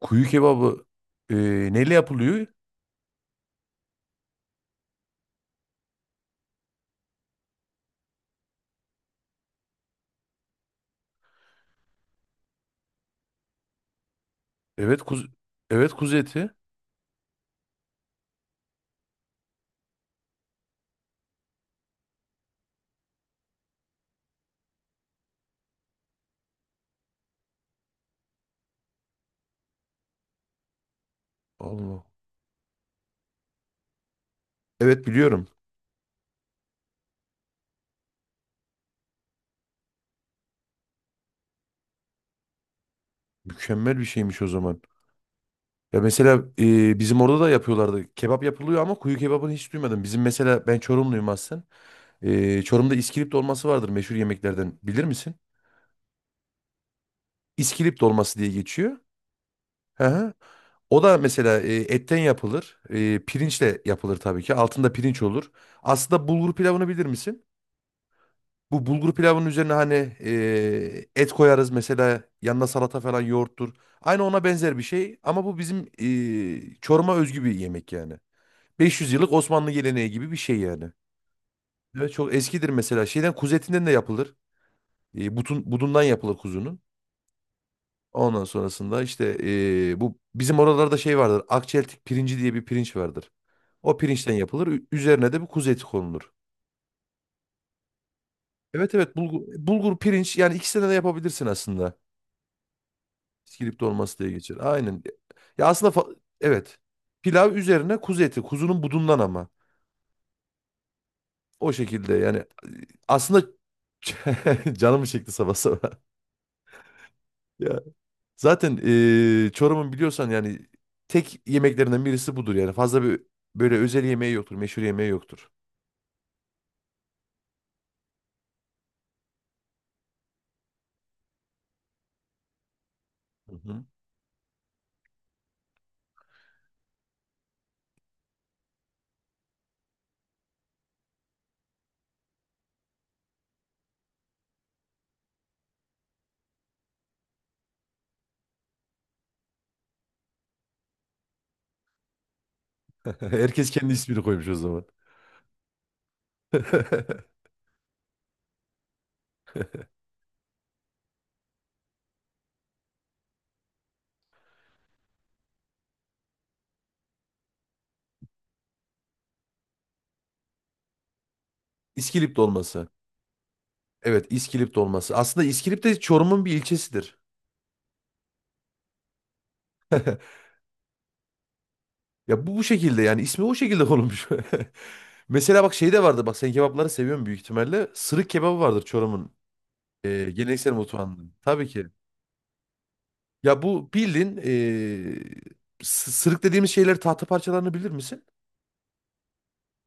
Kuyu kebabı e, neyle yapılıyor? Evet kuz evet kuzu eti. Allah. Evet biliyorum. Mükemmel bir şeymiş o zaman. Ya mesela bizim orada da yapıyorlardı. Kebap yapılıyor ama kuyu kebabını hiç duymadım. Bizim mesela ben Çorumluyum aslen. Çorum'da iskilip dolması vardır meşhur yemeklerden. Bilir misin? İskilip dolması diye geçiyor. Hı hı. O da mesela etten yapılır. Pirinçle yapılır tabii ki. Altında pirinç olur. Aslında bulgur pilavını bilir misin? Bu bulgur pilavının üzerine hani et koyarız mesela, yanına salata falan, yoğurttur. Aynı ona benzer bir şey ama bu bizim Çorum'a özgü bir yemek yani. 500 yıllık Osmanlı geleneği gibi bir şey yani. Ve çok eskidir, mesela şeyden, kuzu etinden de yapılır. Budundan yapılır kuzunun. Ondan sonrasında işte bu bizim oralarda şey vardır. Akçeltik pirinci diye bir pirinç vardır. O pirinçten yapılır. Üzerine de bir kuzu eti konulur. Evet, evet, bulgur, bulgur pirinç, yani ikisinden de yapabilirsin aslında. İskilip dolması diye geçer. Aynen. Ya aslında evet. Pilav üzerine kuzu eti. Kuzunun budundan ama. O şekilde yani aslında. Canımı çekti sabah sabah. Ya. Zaten Çorum'un biliyorsan yani, tek yemeklerinden birisi budur yani. Fazla bir böyle özel yemeği yoktur, meşhur yemeği yoktur. Hı hı. Herkes kendi ismini koymuş o zaman. İskilip dolması. Evet, İskilip dolması. Aslında İskilip de Çorum'un bir ilçesidir. Ya bu şekilde yani, ismi o şekilde konulmuş. Mesela bak, şey de vardı, bak sen kebapları seviyorsun büyük ihtimalle. Sırık kebabı vardır Çorum'un geleneksel mutfağında. Tabii ki. Ya bu bildiğin, sırık dediğimiz şeyleri, tahta parçalarını bilir misin?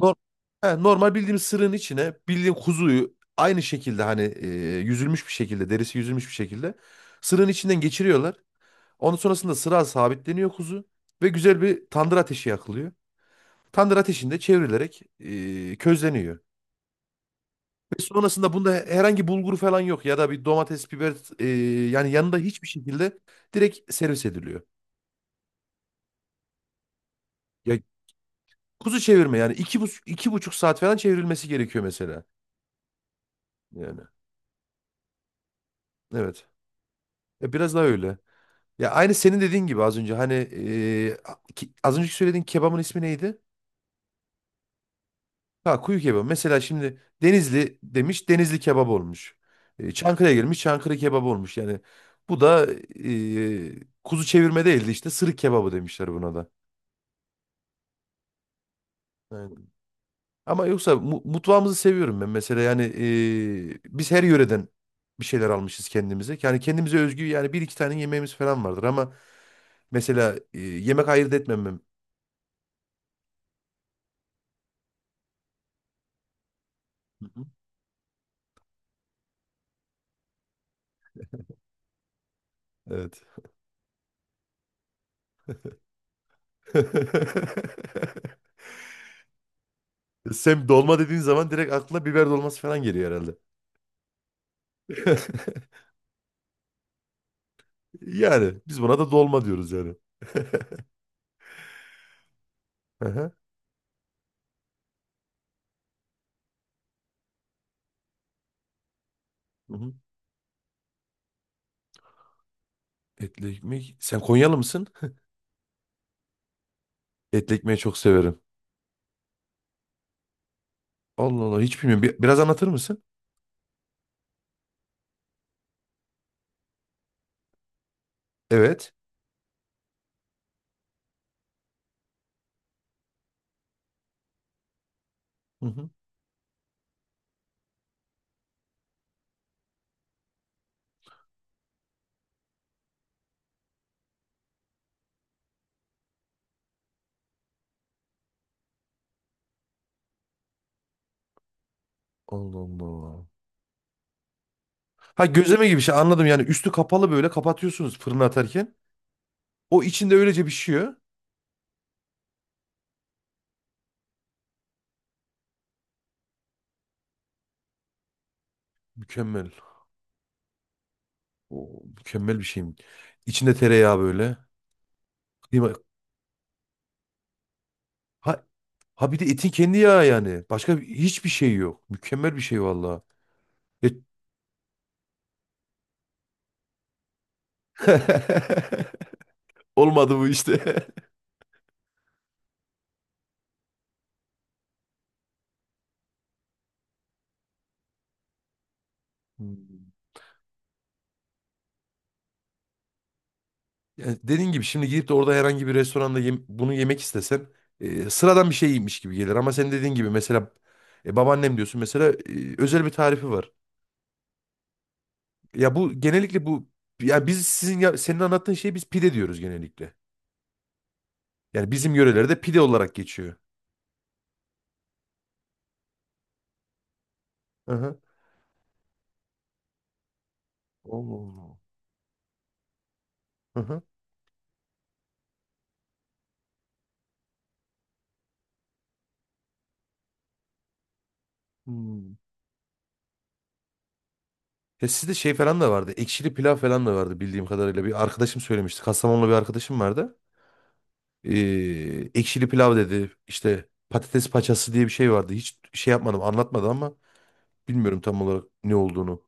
Nor- He, normal bildiğimiz sırığın içine bildiğin kuzuyu aynı şekilde, hani yüzülmüş bir şekilde, derisi yüzülmüş bir şekilde sırığın içinden geçiriyorlar. Ondan sonrasında sıra sabitleniyor kuzu ve güzel bir tandır ateşi yakılıyor. Tandır ateşinde çevrilerek közleniyor. Ve sonrasında bunda herhangi bulgur falan yok, ya da bir domates, biber, yani yanında hiçbir şekilde, direkt servis ediliyor. Ya kuzu çevirme yani, 2,5 saat falan çevrilmesi gerekiyor mesela. Yani evet. Ya biraz daha öyle. Ya aynı senin dediğin gibi az önce, hani az önceki söylediğin kebabın ismi neydi? Ha, kuyu kebabı. Mesela şimdi Denizli demiş, Denizli kebap olmuş. Çankırı'ya gelmiş, Çankırı kebabı olmuş. Yani bu da kuzu çevirme değildi, işte sırık kebabı demişler buna da. Evet. Ama yoksa mutfağımızı seviyorum ben, mesela yani biz her yöreden bir şeyler almışız kendimize. Yani kendimize özgü yani bir iki tane yemeğimiz falan vardır ama mesela yemek ayırt etmemem. Hı hı. Evet. Sen dolma dediğin zaman direkt aklına biber dolması falan geliyor herhalde. Yani biz buna da dolma diyoruz yani. Hı hı. Hı hı. Etli ekmek. Sen Konyalı mısın? Etli ekmeği çok severim. Allah Allah, hiç bilmiyorum. Biraz anlatır mısın? Evet. Hı hı. Allah Allah. Ha, gözleme gibi bir şey, anladım. Yani üstü kapalı böyle kapatıyorsunuz fırına atarken. O içinde öylece pişiyor. Mükemmel. O mükemmel bir şeyim. İçinde tereyağı böyle. Kıyma. Ha, ha bir de etin kendi yağı yani. Hiçbir şey yok. Mükemmel bir şey vallahi. E- Olmadı bu işte. Hmm. Ya dediğin gibi şimdi gidip de orada herhangi bir restoranda bunu yemek istesen sıradan bir şey yemiş gibi gelir. Ama senin dediğin gibi mesela babaannem diyorsun mesela, özel bir tarifi var. Ya bu genellikle bu, ya biz sizin, ya, senin anlattığın şeyi biz pide diyoruz genellikle. Yani bizim yörelerde pide olarak geçiyor. Hı hı. Oo. Hı hı. Hmm. Ya sizde şey falan da vardı. Ekşili pilav falan da vardı bildiğim kadarıyla. Bir arkadaşım söylemişti, Kastamonlu bir arkadaşım vardı. Ee, ekşili pilav dedi. İşte patates paçası diye bir şey vardı. Hiç şey yapmadım, anlatmadı ama bilmiyorum tam olarak ne olduğunu.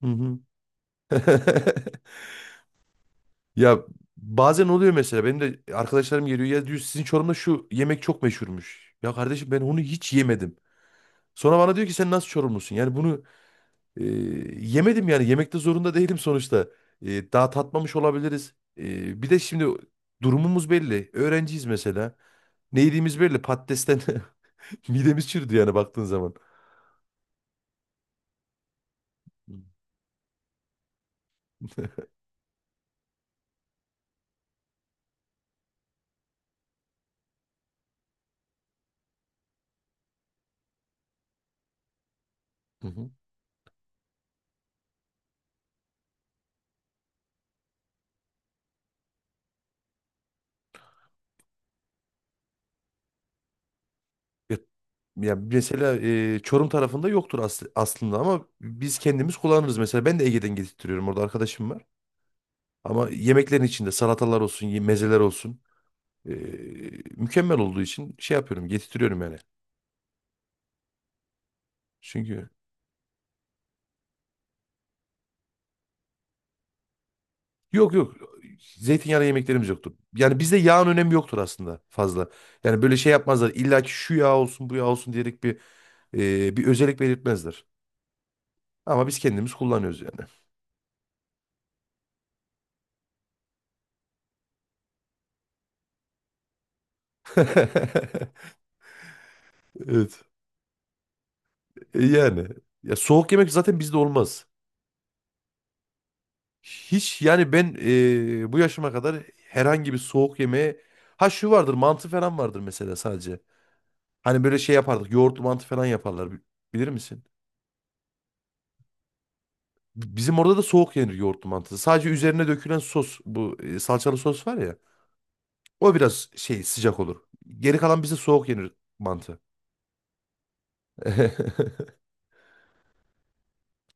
Hı hı. Ya bazen oluyor mesela, benim de arkadaşlarım geliyor, ya diyor sizin Çorum'da şu yemek çok meşhurmuş. Ya kardeşim, ben onu hiç yemedim. Sonra bana diyor ki sen nasıl Çorumlusun? Yani bunu e, yemedim, yani yemekte zorunda değilim sonuçta. Daha tatmamış olabiliriz. Bir de şimdi durumumuz belli. Öğrenciyiz mesela. Ne yediğimiz belli, patatesten. Midemiz çürüdü yani baktığın zaman. Hı hı. Ya, yani mesela Çorum tarafında yoktur aslında, ama biz kendimiz kullanırız. Mesela ben de Ege'den getirtiyorum. Orada arkadaşım var. Ama yemeklerin içinde salatalar olsun, mezeler olsun, e, mükemmel olduğu için şey yapıyorum, getirtiyorum yani. Çünkü yok, yok, zeytinyağlı yemeklerimiz yoktur. Yani bizde yağın önemi yoktur aslında fazla. Yani böyle şey yapmazlar. İlla ki şu yağ olsun, bu yağ olsun diyerek bir özellik belirtmezler. Ama biz kendimiz kullanıyoruz yani. Evet. Yani, ya soğuk yemek zaten bizde olmaz. Hiç yani, ben bu yaşıma kadar herhangi bir soğuk yemeğe, ha şu vardır, mantı falan vardır mesela sadece. Hani böyle şey yapardık, yoğurtlu mantı falan yaparlar, bilir misin? Bizim orada da soğuk yenir yoğurtlu mantısı. Sadece üzerine dökülen sos, bu salçalı sos var ya, o biraz şey, sıcak olur. Geri kalan bize soğuk yenir mantı.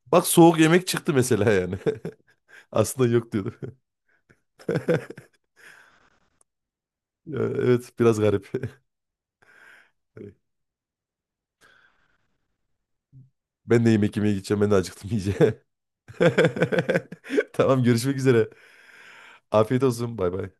Bak soğuk yemek çıktı mesela yani. Aslında yok diyordum. Ya, evet, biraz garip. Ben de yemek yemeye gideceğim. Ben de acıktım iyice. Tamam, görüşmek üzere. Afiyet olsun. Bay bay.